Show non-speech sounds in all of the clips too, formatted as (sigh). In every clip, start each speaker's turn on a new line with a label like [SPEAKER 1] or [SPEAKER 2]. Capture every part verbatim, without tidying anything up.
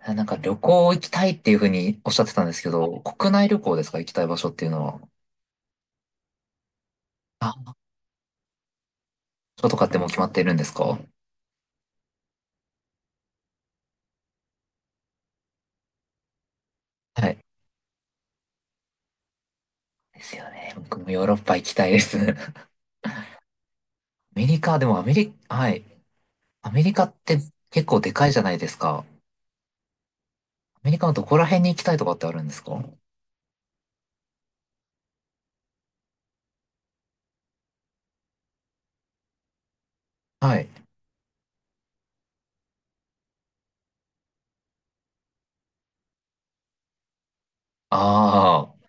[SPEAKER 1] あなんか旅行行きたいっていうふうにおっしゃってたんですけど、国内旅行ですか？行きたい場所っていうのは。あ、ょっとかってもう決まっているんですか？はい。ですよね。僕もヨーロッパ行きたいです。(laughs) アメリカ、でもアメリ、はい。アメリカって結構でかいじゃないですか。アメリカのどこら辺に行きたいとかってあるんですか？はい。ああ、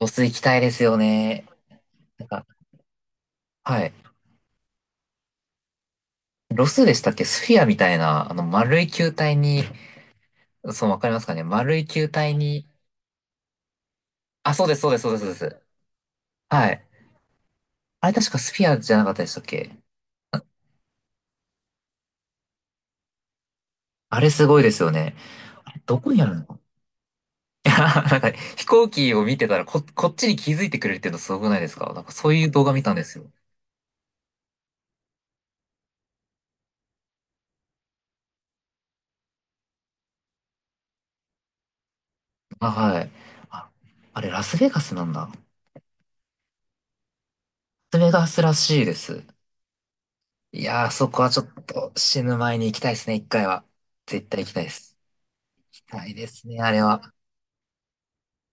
[SPEAKER 1] ロス行きたいですよね。なんか、はい。ロスでしたっけ？スフィアみたいな、あの、丸い球体に、そう、わかりますかね？丸い球体に、あ、そうです、そうです、そうです、そうです。はい。あれ確かスフィアじゃなかったでしたっけ？あれすごいですよね。あれどこにあるの？いや、(laughs) なんか飛行機を見てたらこ、こっちに気づいてくれるっていうのすごくないですか？なんかそういう動画見たんですよ。あ、はい。あ、あれラスベガスなんだ。ラスベガスらしいです。いやー、そこはちょっと死ぬ前に行きたいですね、一回は。絶対行きたいです。行きたいですね、あれは。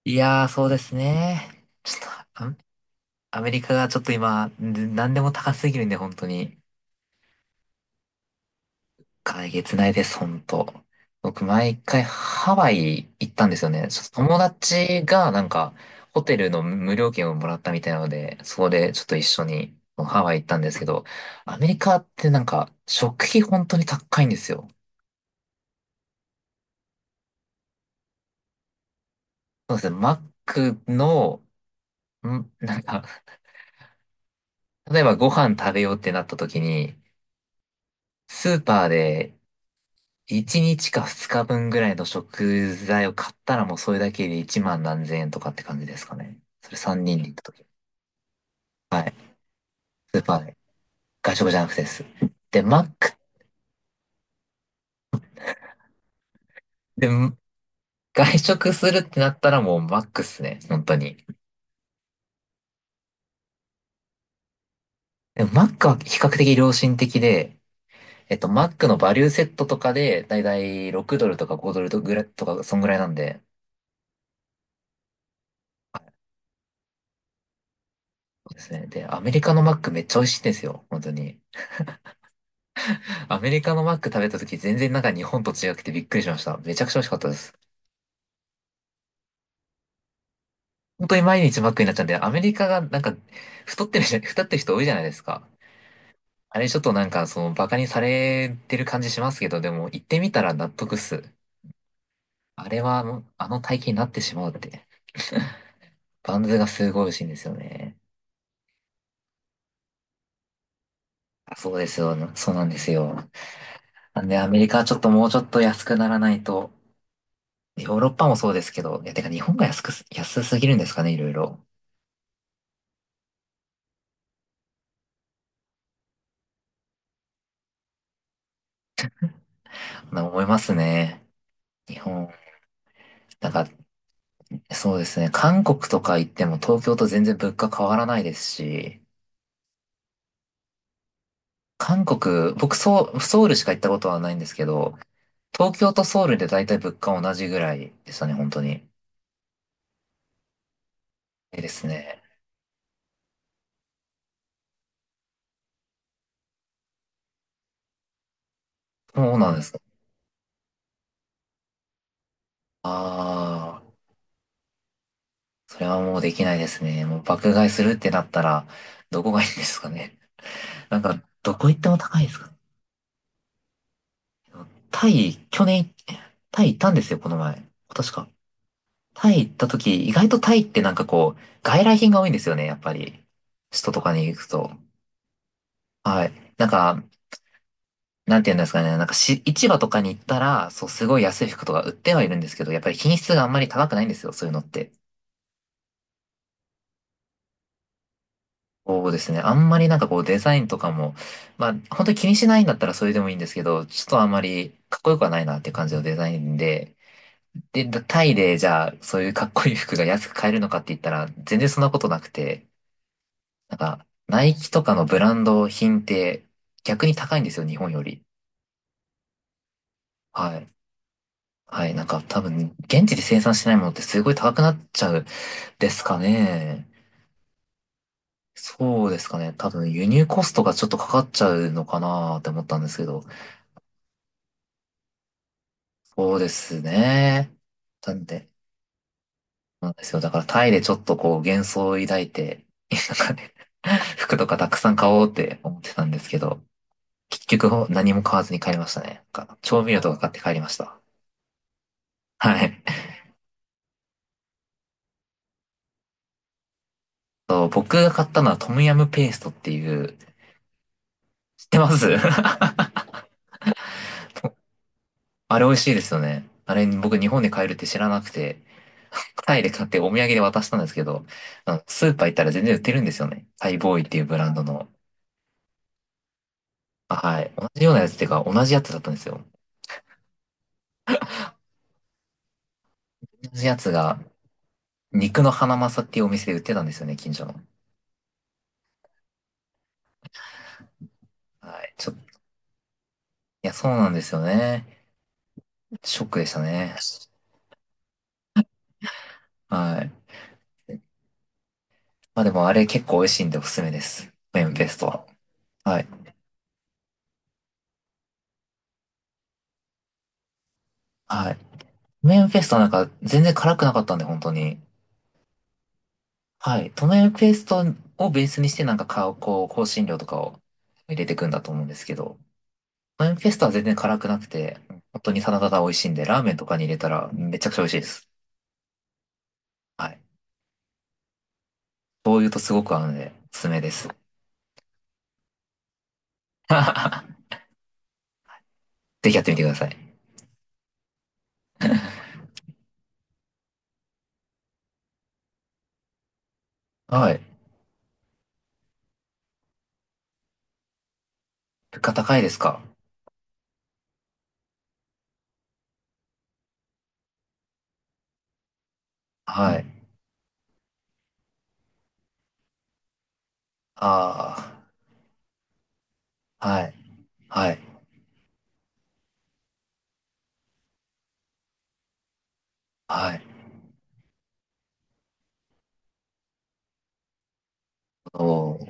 [SPEAKER 1] いやー、そうですね。ちょっと、あ、アメリカがちょっと今、ん何でも高すぎるんで、本当に。回えげつないです、ほ僕、毎回ハワイ行ったんですよね。ちょっと友達が、なんか、ホテルの無料券をもらったみたいなので、そこでちょっと一緒にハワイ行ったんですけど、アメリカってなんか、食費本当に高いんですよ。そうですね、マックの、ん、なんか、例えばご飯食べようってなった時に、スーパーでいちにちかふつかぶんぐらいの食材を買ったらもうそれだけでいちまん何千円とかって感じですかね。それさんにんで行った時。はい。スーパーで。外食じゃなくてです。で、マック、で、外食するってなったらもうマックっすね。本当に。でもマックは比較的良心的で、えっと、マックのバリューセットとかで、だいたいろくドルとかごドルとぐらいとか、そんぐらいなんで、そうですね。で、アメリカのマックめっちゃ美味しいんですよ。本当に。アメリカのマック食べた時全然なんか日本と違くてびっくりしました。めちゃくちゃ美味しかったです。本当に毎日マックになっちゃうんで、アメリカがなんか太ってるじゃ、太ってる人多いじゃないですか。あれちょっとなんかそのバカにされてる感じしますけど、でも行ってみたら納得っす。あれはあの、あの体型になってしまうって。バンズがすごい美味しいんですよね。あ、そうですよ。そうなんですよ。なんでアメリカはちょっともうちょっと安くならないと、ヨーロッパもそうですけど、いや、てか日本が安くす、安すぎるんですかね、いろいろ。なんか思いますね。日本だから、そうですね。韓国とか行っても東京と全然物価変わらないですし、韓国、僕ソウ、ソウルしか行ったことはないんですけど、東京とソウルで大体物価同じぐらいでしたね、本当に。ええですね。そうなんですか。ああ、それはもうできないですね。もう爆買いするってなったら、どこがいいんですかね。なんか、どこ行っても高いですか？タイ、去年、タイ行ったんですよ、この前。今年か。タイ行った時、意外とタイってなんかこう、外来品が多いんですよね、やっぱり。首都とかに行くと。はい。なんか、なんて言うんですかね。なんかし、市場とかに行ったら、そう、すごい安い服とか売ってはいるんですけど、やっぱり品質があんまり高くないんですよ、そういうのって。そうですね。あんまりなんかこう、デザインとかも、まあ、本当に気にしないんだったらそれでもいいんですけど、ちょっとあんまりかっこよくはないなっていう感じのデザインで、で、タイでじゃあ、そういうかっこいい服が安く買えるのかって言ったら、全然そんなことなくて、なんか、ナイキとかのブランド品って逆に高いんですよ、日本より。はい。はい。なんか多分、現地で生産してないものってすごい高くなっちゃうですかね。そうですかね。多分、輸入コストがちょっとかかっちゃうのかなって思ったんですけど。そうですね。なんで、なんですよ。だからタイでちょっとこう幻想を抱いて、なんかね、(laughs) 服とかたくさん買おうって思ってたんですけど、結局何も買わずに帰りましたね。なんか調味料とか買って帰りました。はい。と、僕が買ったのはトムヤムペーストっていう、知ってます (laughs) あれ美味しいですよね。あれ僕日本で買えるって知らなくて、タイで買ってお土産で渡したんですけど、あのスーパー行ったら全然売ってるんですよね。タイボーイっていうブランドの。あ、はい。同じようなやつっていうか、同じやつだったんですよ。同じやつが、肉のハナマサっていうお店で売ってたんですよね、近所の。はい。ちょっと、いや、そうなんですよね。ショックでしたね。はい。まあでもあれ結構美味しいんでおすすめです。メンペーストは。はい。はい。トメンフェストなんか全然辛くなかったんで、本当に。はい。トメンフェストをベースにしてなんかか、こう、香辛料とかを入れていくんだと思うんですけど、トメンフェストは全然辛くなくて、本当にただただ美味しいんで、ラーメンとかに入れたらめちゃくちゃ美味しいです。はい。醤油とすごく合うので、おすすめです。(laughs) ぜひやってみてください。はい。物価高いですか？はい。ああ、はい。はい。はい。そう。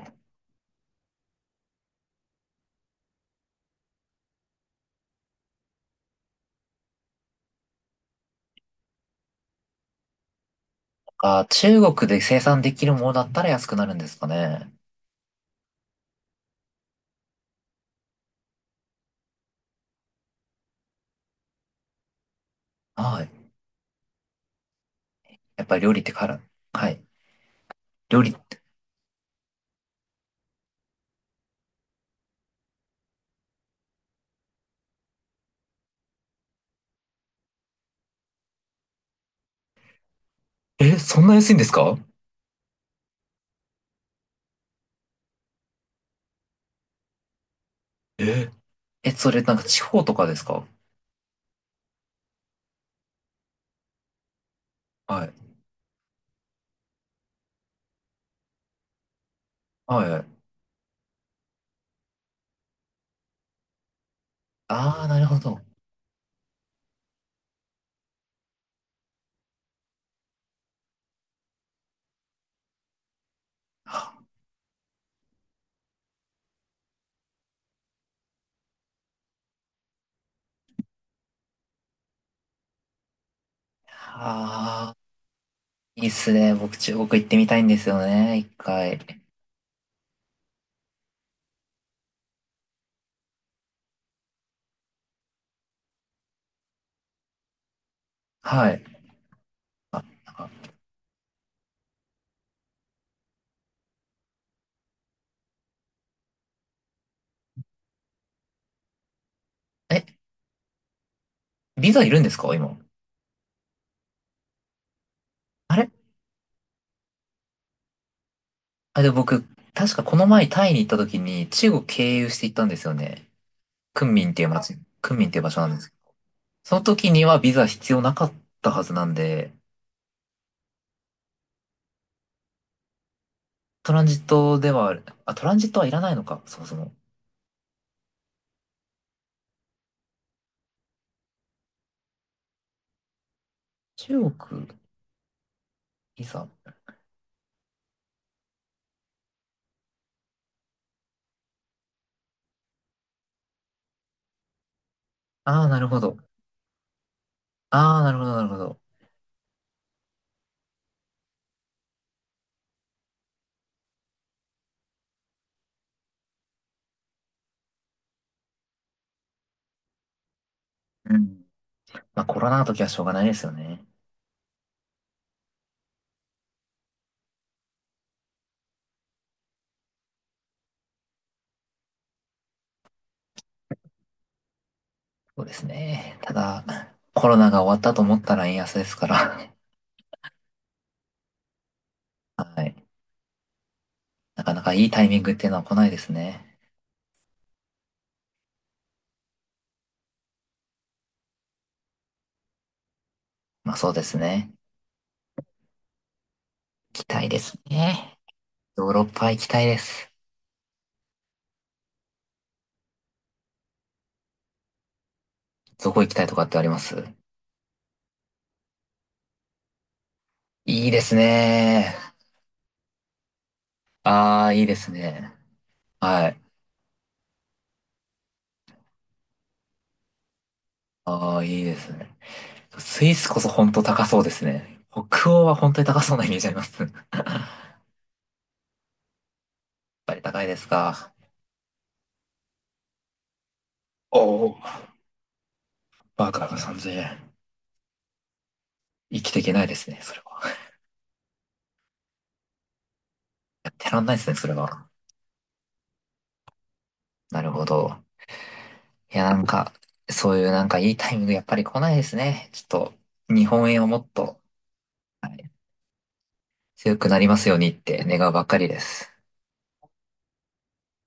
[SPEAKER 1] あ、中国で生産できるものだったら安くなるんですかね。はい。やっぱり料理ってから、はい。料理って、え、そんな安いんですか？え、え、それなんか地方とかですか？はい。はいはい。ああ、なるほど。はあー、いいっすね。僕、中国行ってみたいんですよね。一回。はい。なんか、え、ビザいるんですか今？あれあ、で、僕、確かこの前タイに行った時に中国経由して行ったんですよね。昆明っていう街、昆明っていう場所なんですけど。その時にはビザ必要なかったはずなんで、トランジットでは、あ、トランジットはいらないのか、そもそも。中国、いざ。ああ、なるほど。ああ、なるほど、なるほど。うん。まあ、コロナの時はしょうがないですよね。そうですね。ただ、コロナが終わったと思ったら円安ですから。(laughs) はい。なかなかいいタイミングっていうのは来ないですね。まあ、そうですね。行きたいですね。ヨーロッパ行きたいです。どこ行きたいとかってあります？いいですね。ああ、いいですね。はい。ああ、いいですね。スイスこそ本当高そうですね。北欧は本当に高そうなイメージあります。(laughs) ぱり高いですか。おお、バカがさんぜんえん。生きていけないですね、それは。やってらんないですね、それは。なるほど。いや、なんか、そういうなんかいいタイミングやっぱり来ないですね。ちょっと、日本円をもっと強くなりますようにって願うばっかりです。